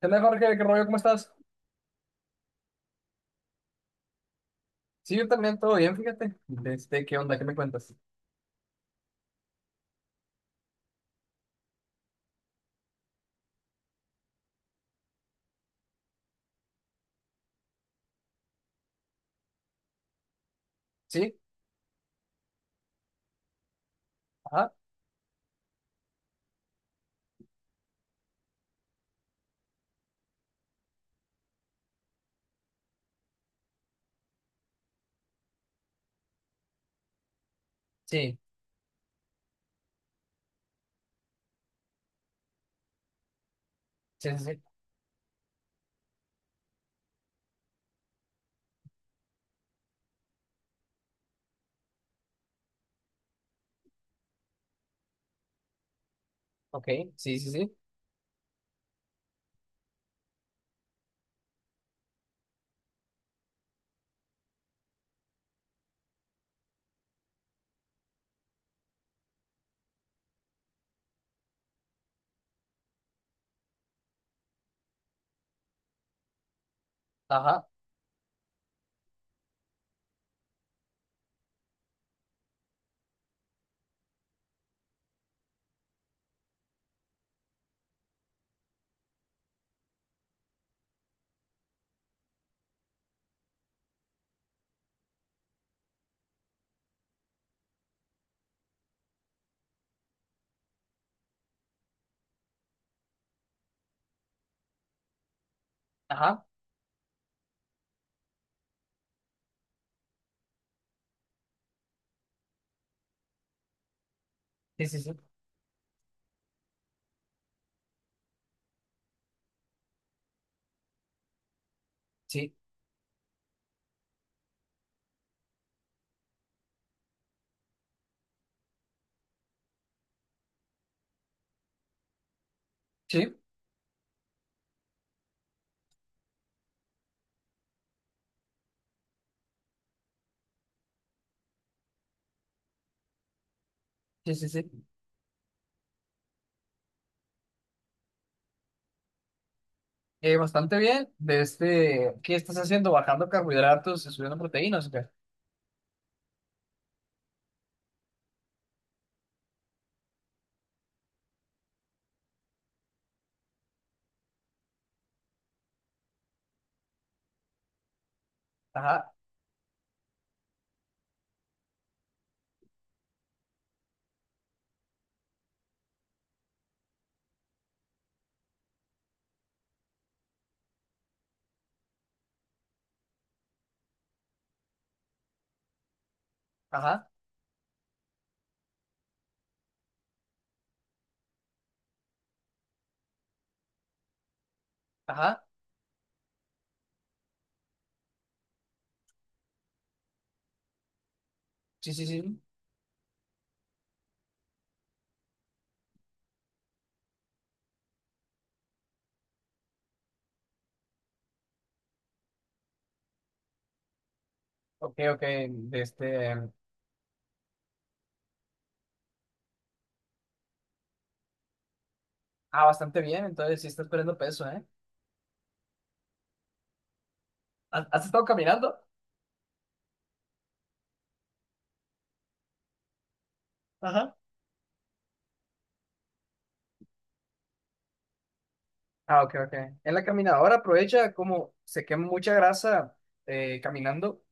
¿Qué onda, Jorge? ¿Qué rollo? ¿Cómo estás? Sí, yo también, todo bien, fíjate. ¿Qué onda? ¿Qué me cuentas? Sí, ajá, sí, sí, sí, sí, ok, sí, sí, sí, ajá, ajá, sí, sí, sí, sí, sí, sí, sí, sí. Bastante bien, de este, ¿qué estás haciendo? ¿Bajando carbohidratos y subiendo proteínas? ¿O qué? Ajá, ajá, ajá, sí, sí, sí, ok, ok, de este, ah, bastante bien, entonces sí estás perdiendo peso, ¿eh? ¿Has, has estado caminando? Ajá. Ah, ok, ok. En la caminadora aprovecha como se quema mucha grasa caminando,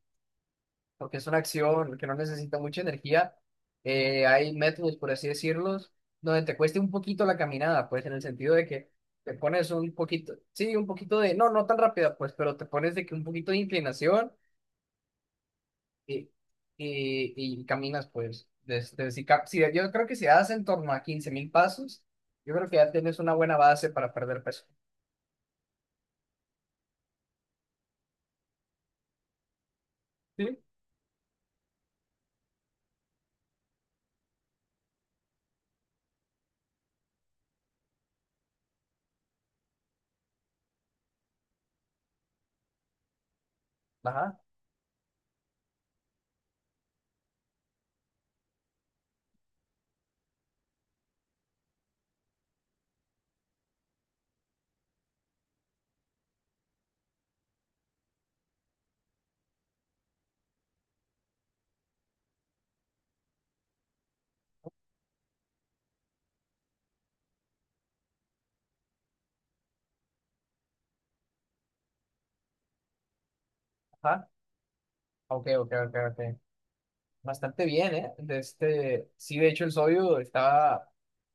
porque es una acción que no necesita mucha energía. Hay métodos, por así decirlos, donde te cueste un poquito la caminada, pues en el sentido de que te pones un poquito, sí, un poquito de, no, no tan rápida, pues, pero te pones de que un poquito de inclinación y, y caminas, pues. Desde, si, yo creo que si das en torno a 15,000 pasos, yo creo que ya tienes una buena base para perder peso. Sí. Ajá, ajá. Ok, ok, ok, ok. Bastante bien, ¿eh? De este, sí, de hecho el sodio está,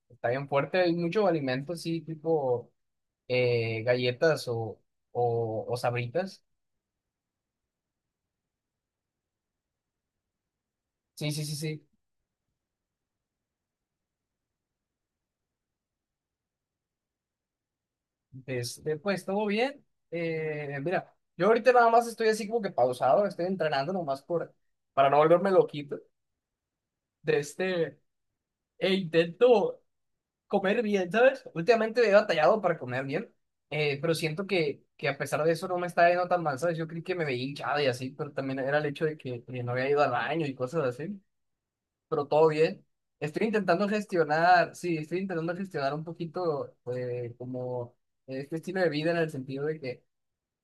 está bien fuerte. Hay muchos alimentos, sí, tipo galletas o sabritas. Sí, sí, sí, sí. De este, pues todo bien. Mira, yo ahorita nada más estoy así como que pausado, estoy entrenando nomás por, para no volverme loquito. De este, e intento comer bien, ¿sabes? Últimamente he batallado para comer bien, pero siento que a pesar de eso no me está yendo tan mal, ¿sabes? Yo creí que me veía hinchada y así, pero también era el hecho de que no había ido al baño y cosas así, pero todo bien. Estoy intentando gestionar, sí, estoy intentando gestionar un poquito como este estilo de vida en el sentido de que,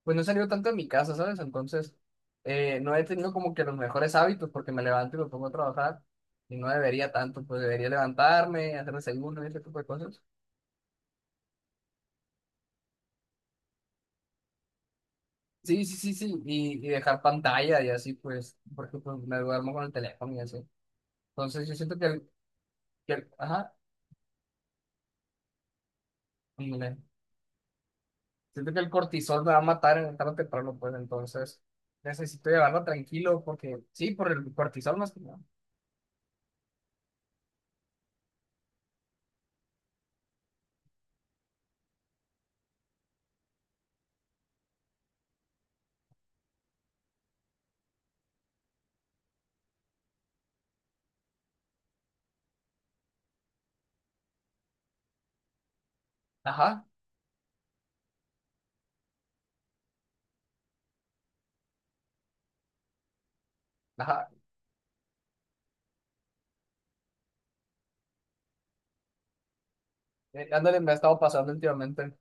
pues no he salido tanto de mi casa, ¿sabes? Entonces, no he tenido como que los mejores hábitos porque me levanto y me pongo a trabajar. Y no debería tanto, pues debería levantarme, hacer desayuno y ese tipo de cosas. Sí, sí, sí, sí, y dejar pantalla y así, pues, porque pues me duermo con el teléfono y así. Entonces yo siento que ajá, ándale. Siento que el cortisol me va a matar en tarde o temprano, pues, entonces necesito llevarlo tranquilo, porque sí, por el cortisol más que nada. Ajá, ajá, ándale, me ha estado pasando últimamente.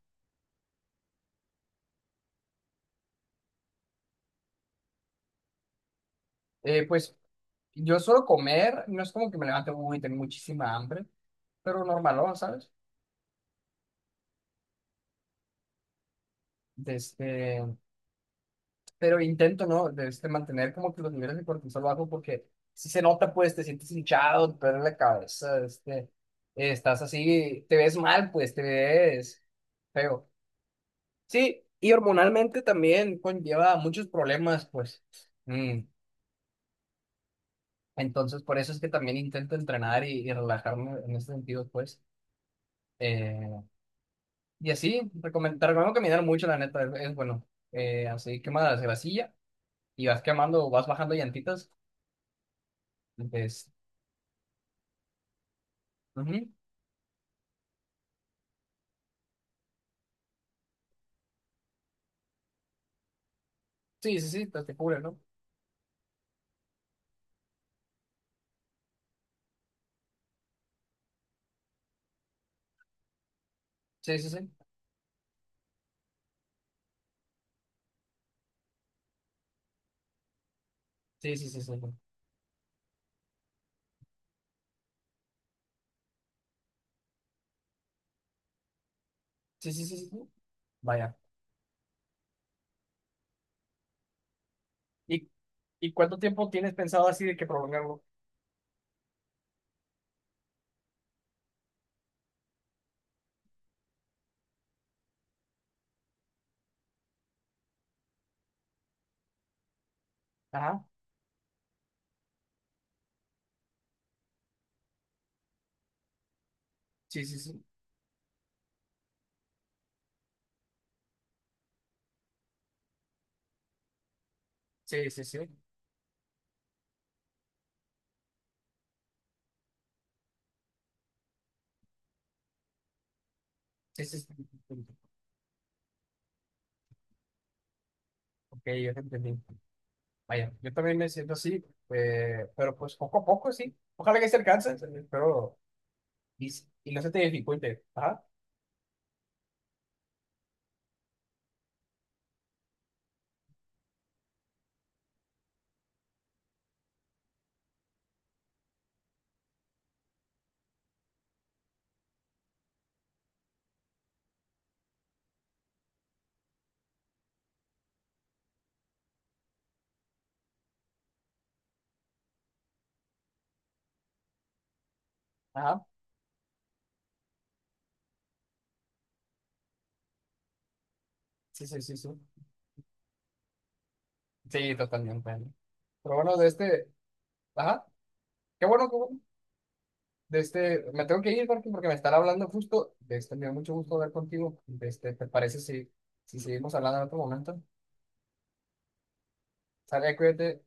Pues yo suelo comer, no es como que me levante, uy, tengo muchísima hambre, pero normalón, ¿sabes? Desde, pero intento, ¿no? De este, mantener como que los niveles de cortisol bajos porque si se nota, pues te sientes hinchado, te duele la cabeza, este, estás así, te ves mal, pues te ves feo. Sí, y hormonalmente también conlleva muchos problemas, pues. Mm. Entonces, por eso es que también intento entrenar y relajarme en ese sentido, pues. Eh, y así, te recomiendo caminar mucho, la neta, es bueno. Así quemas la vasilla y vas quemando, vas bajando llantitas. Entonces, ujú. Sí, sí, sí, te te cubre, ¿no? Sí, sí, sí. Sí, sí, sí, sí. Sí, sí, sí, sí. Sí. Sí. Vaya. ¿Y, y cuánto tiempo tienes pensado así de que prolongarlo? Ajá. Sí, sí, sí. Sí, sí, sí. Sí, sí, sí. Ok, yo te entendí. Vaya, yo también me siento así, pero pues poco a poco, sí. Ojalá que se alcance, pero... Y, y no se te dificulte. Ajá. Ajá. Sí, sí, sí, sí. Sí, totalmente. Pero bueno, de este... Ajá. Qué bueno. De este, me tengo que ir, Martín, porque me están hablando justo. De este, me da mucho gusto hablar contigo. De este, ¿te parece si, si seguimos hablando en otro momento? Sale, cuídate.